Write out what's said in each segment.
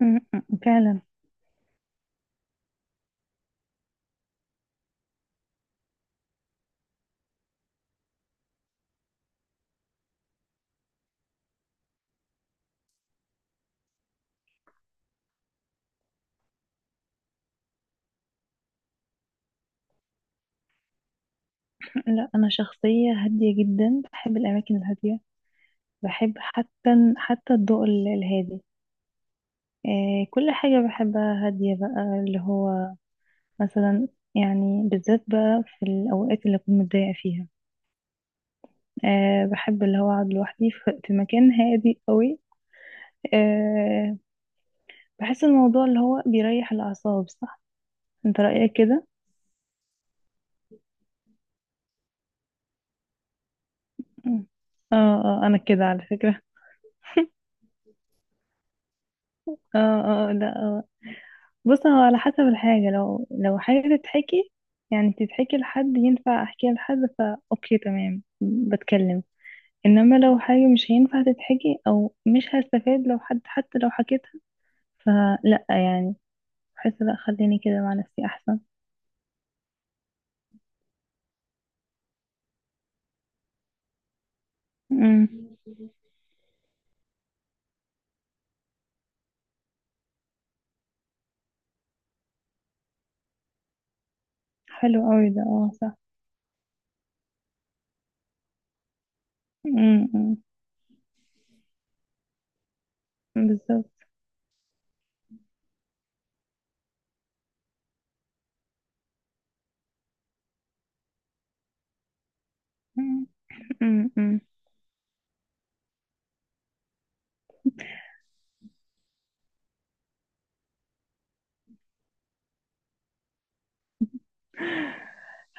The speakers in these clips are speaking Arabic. فعلا. لا، انا شخصيه هاديه جدا، بحب الاماكن الهاديه. بحب حتى الضوء الهادي. آه، كل حاجه بحبها هاديه بقى، اللي هو مثلا، يعني بالذات بقى في الاوقات اللي اكون متضايقه فيها، آه بحب اللي هو اقعد لوحدي في مكان هادي قوي. آه، بحس الموضوع اللي هو بيريح الاعصاب، صح؟ انت رايك كده. م. اه، اه انا كده على فكره. اه، اه، آه، لا، آه. بص، هو على حسب الحاجة. لو حاجة تتحكي، يعني تتحكي لحد، ينفع احكيها لحد، فا اوكي، تمام، بتكلم. انما لو حاجة مش هينفع تتحكي، او مش هستفاد لو حد حتى لو حكيتها، فلا، يعني بحس لا، خليني كده مع نفسي احسن. امم، حلو قوي ده، اه صح. امم. بالظبط. امم.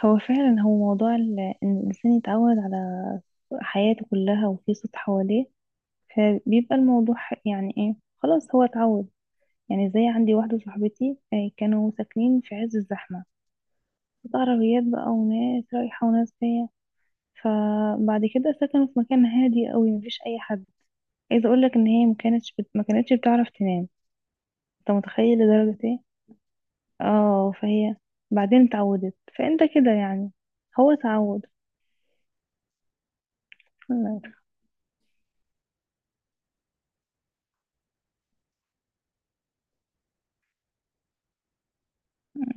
هو فعلا، هو موضوع ان الانسان يتعود على حياته كلها وفي صوت حواليه، فبيبقى الموضوع يعني ايه، خلاص هو اتعود. يعني زي عندي واحدة صاحبتي، آه، كانوا ساكنين في عز الزحمة، عربيات بقى وناس رايحة وناس جاية. فبعد كده سكنوا في مكان هادي قوي مفيش أي حد. عايزة أقولك إن هي مكانتش بتعرف تنام. أنت متخيل لدرجة إيه؟ اه، فهي بعدين اتعودت، فأنت كده يعني هو اتعود.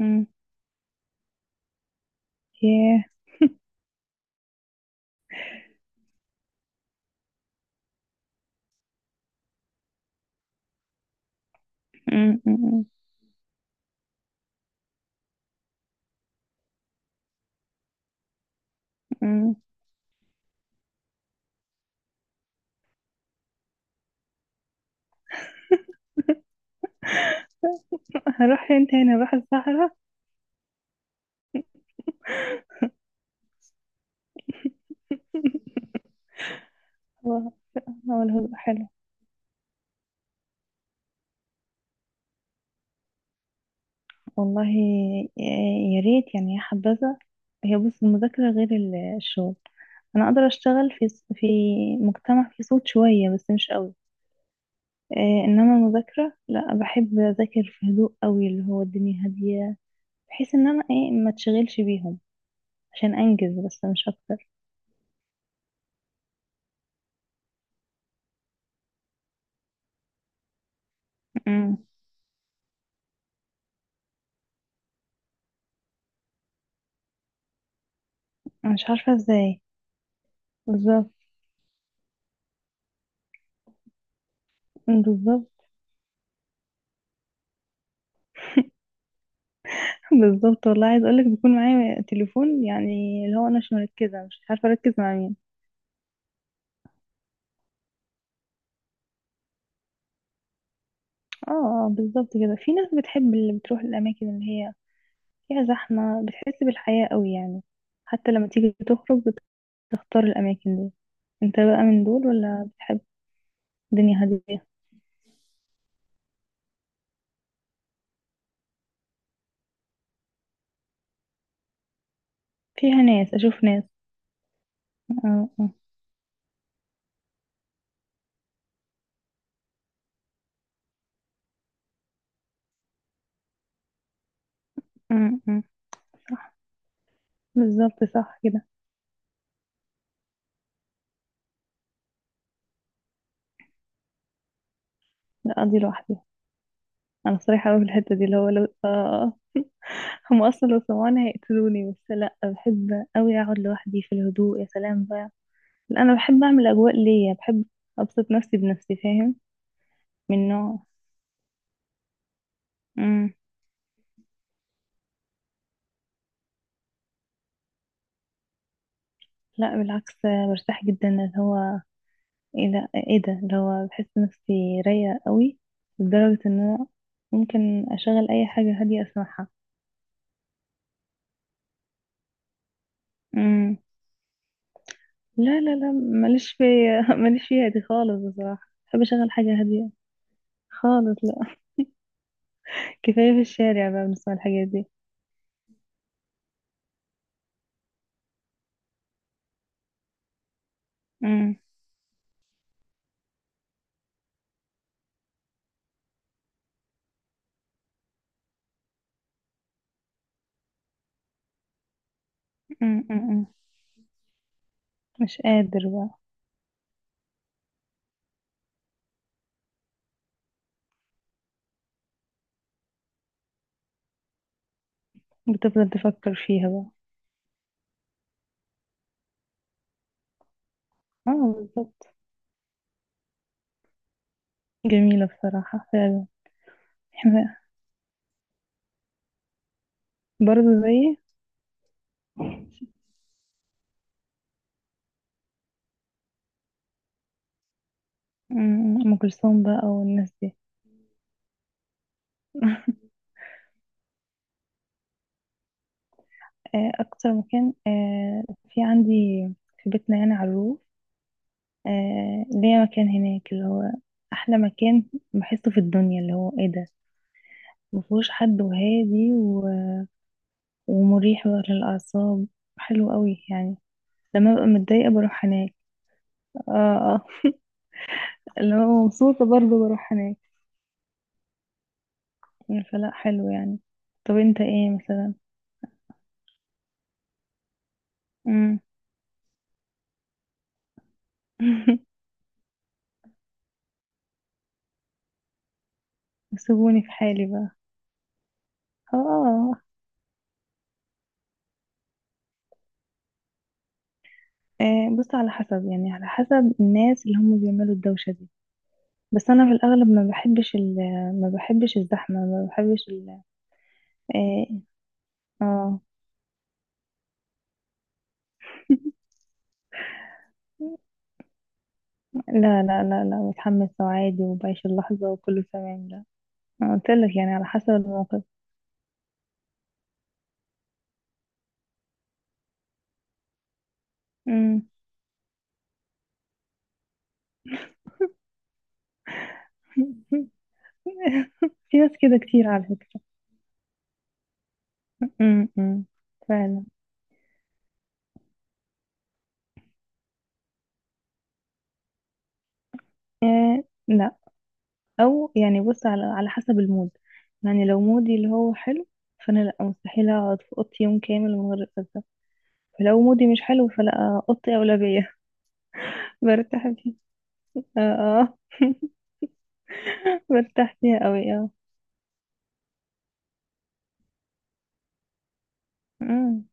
أمم. ياه. أمم، أمم، أمم. هروح؟ انت هنا، هروح الصحراء. هو الهدوء حلو والله. آه، يا ريت يعني، يا حبذا. هي بص، المذاكرة غير الشغل. أنا أقدر أشتغل في في مجتمع فيه صوت شوية بس مش قوي. آه، إنما المذاكرة لا، بحب أذاكر في هدوء قوي، اللي هو الدنيا هادية، بحيث إن أنا إيه ما تشغلش بيهم عشان أنجز بس مش أكتر. أمم، أنا مش عارفة إزاي. بالظبط، بالظبط. بالظبط والله، عايز أقولك بيكون معايا تليفون، يعني اللي هو أنا مش مركزة، مش عارفة أركز مع مين. اه، اه بالظبط كده. في ناس بتحب، اللي بتروح الأماكن اللي هي فيها زحمة بتحس بالحياة قوي يعني. حتى لما تيجي تخرج بتختار الأماكن دي. انت بقى من دول ولا بتحب الدنيا هادية، فيها ناس، أشوف ناس؟ اه، اه، اه، اه، آه. صح، بالظبط صح كده. لا، أقضي لوحدي. أنا صريحة أوي في الحتة دي. اللي هو لو، آه، آه. هم أصلا لو سمعوني هيقتلوني، بس لأ، بحب أوي أقعد لوحدي في الهدوء، يا سلام بقى. لأ، أنا بحب أعمل أجواء ليا، بحب أبسط نفسي بنفسي، فاهم؟ من نوع. مم. لا بالعكس، برتاح جدا اللي هو، ايه ده ايه ده، اللي هو بحس نفسي رايقة قوي، لدرجة ان انا ممكن اشغل اي حاجة هادية اسمعها. امم. لا لا لا، ماليش في، ماليش فيها دي خالص بصراحة، بحب اشغل حاجة هادية. خالص لا. كفاية في الشارع بقى بنسمع الحاجات دي. امم، امم، امم، مش قادر بقى. بتفضل تفكر فيها بقى. اه بالظبط، جميلة بصراحة فعلا. احنا برضه زي. أمم، أم كلثوم بقى والناس دي. آه، أكتر مكان، آه، في عندي في بيتنا، يعني على الروف، آه، ليا مكان هناك اللي هو أحلى مكان بحسه في الدنيا اللي هو إيه ده، مفهوش حد وهادي ومريح بقى للأعصاب، حلو قوي يعني. لما ببقى متضايقة بروح هناك، اه اه. لما ببقى مبسوطة برضه بروح هناك. فلا، حلو يعني. طب انت ايه مثلا؟ مم. سيبوني في حالي بقى. اه، آه. آه، بص على حسب، يعني على حسب الناس اللي هم بيعملوا الدوشة دي. بس انا في الاغلب ما بحبش ما بحبش الزحمه، ما بحبش ال اه، آه. لا لا لا لا، بتحمس وعادي وبعيش اللحظه وكله تمام، لا. أنا قلت لك يعني على حسب الموقف. أمم. في ناس كده كتير على فكره. أمم، أمم. فعلا. آه لا، او يعني بص على حسب المود. يعني لو مودي اللي هو حلو، فانا لا، مستحيل اقعد في اوضتي يوم كامل من غير اتغدى. فلو مودي مش حلو، فلا اوضتي اولويه. برتاح فيها، اه اه. برتاح فيها قوي اه. أمم،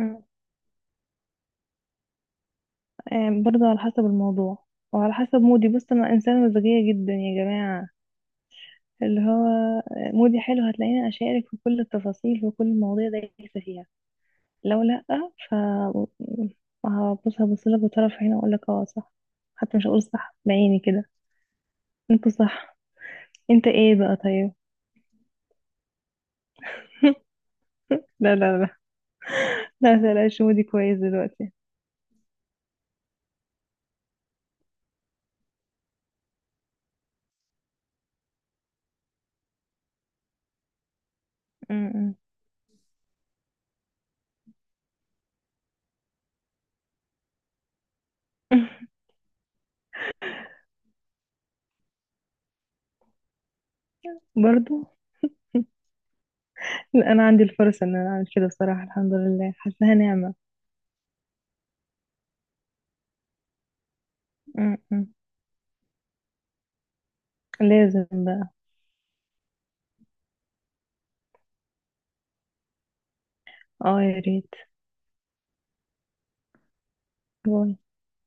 أمم. آه، برضه على حسب الموضوع وعلى حسب مودي. بص انا انسانه مزاجيه جدا يا جماعه. اللي هو مودي حلو هتلاقيني اشارك في كل التفاصيل وكل المواضيع دايسه فيها. لو لا، ف، هبص لك بطرف عيني واقول لك اه صح. حتى مش هقول صح بعيني كده، انت صح. انت ايه بقى طيب؟ لا لا لا لا، متقلقش، مودي كويس دلوقتي. أمم. برضو لا، انا عندي الفرصة ان انا اعمل كده بصراحة، الحمد لله حاساها نعمة. م- م. لازم بقى. اه يا ريت. باي.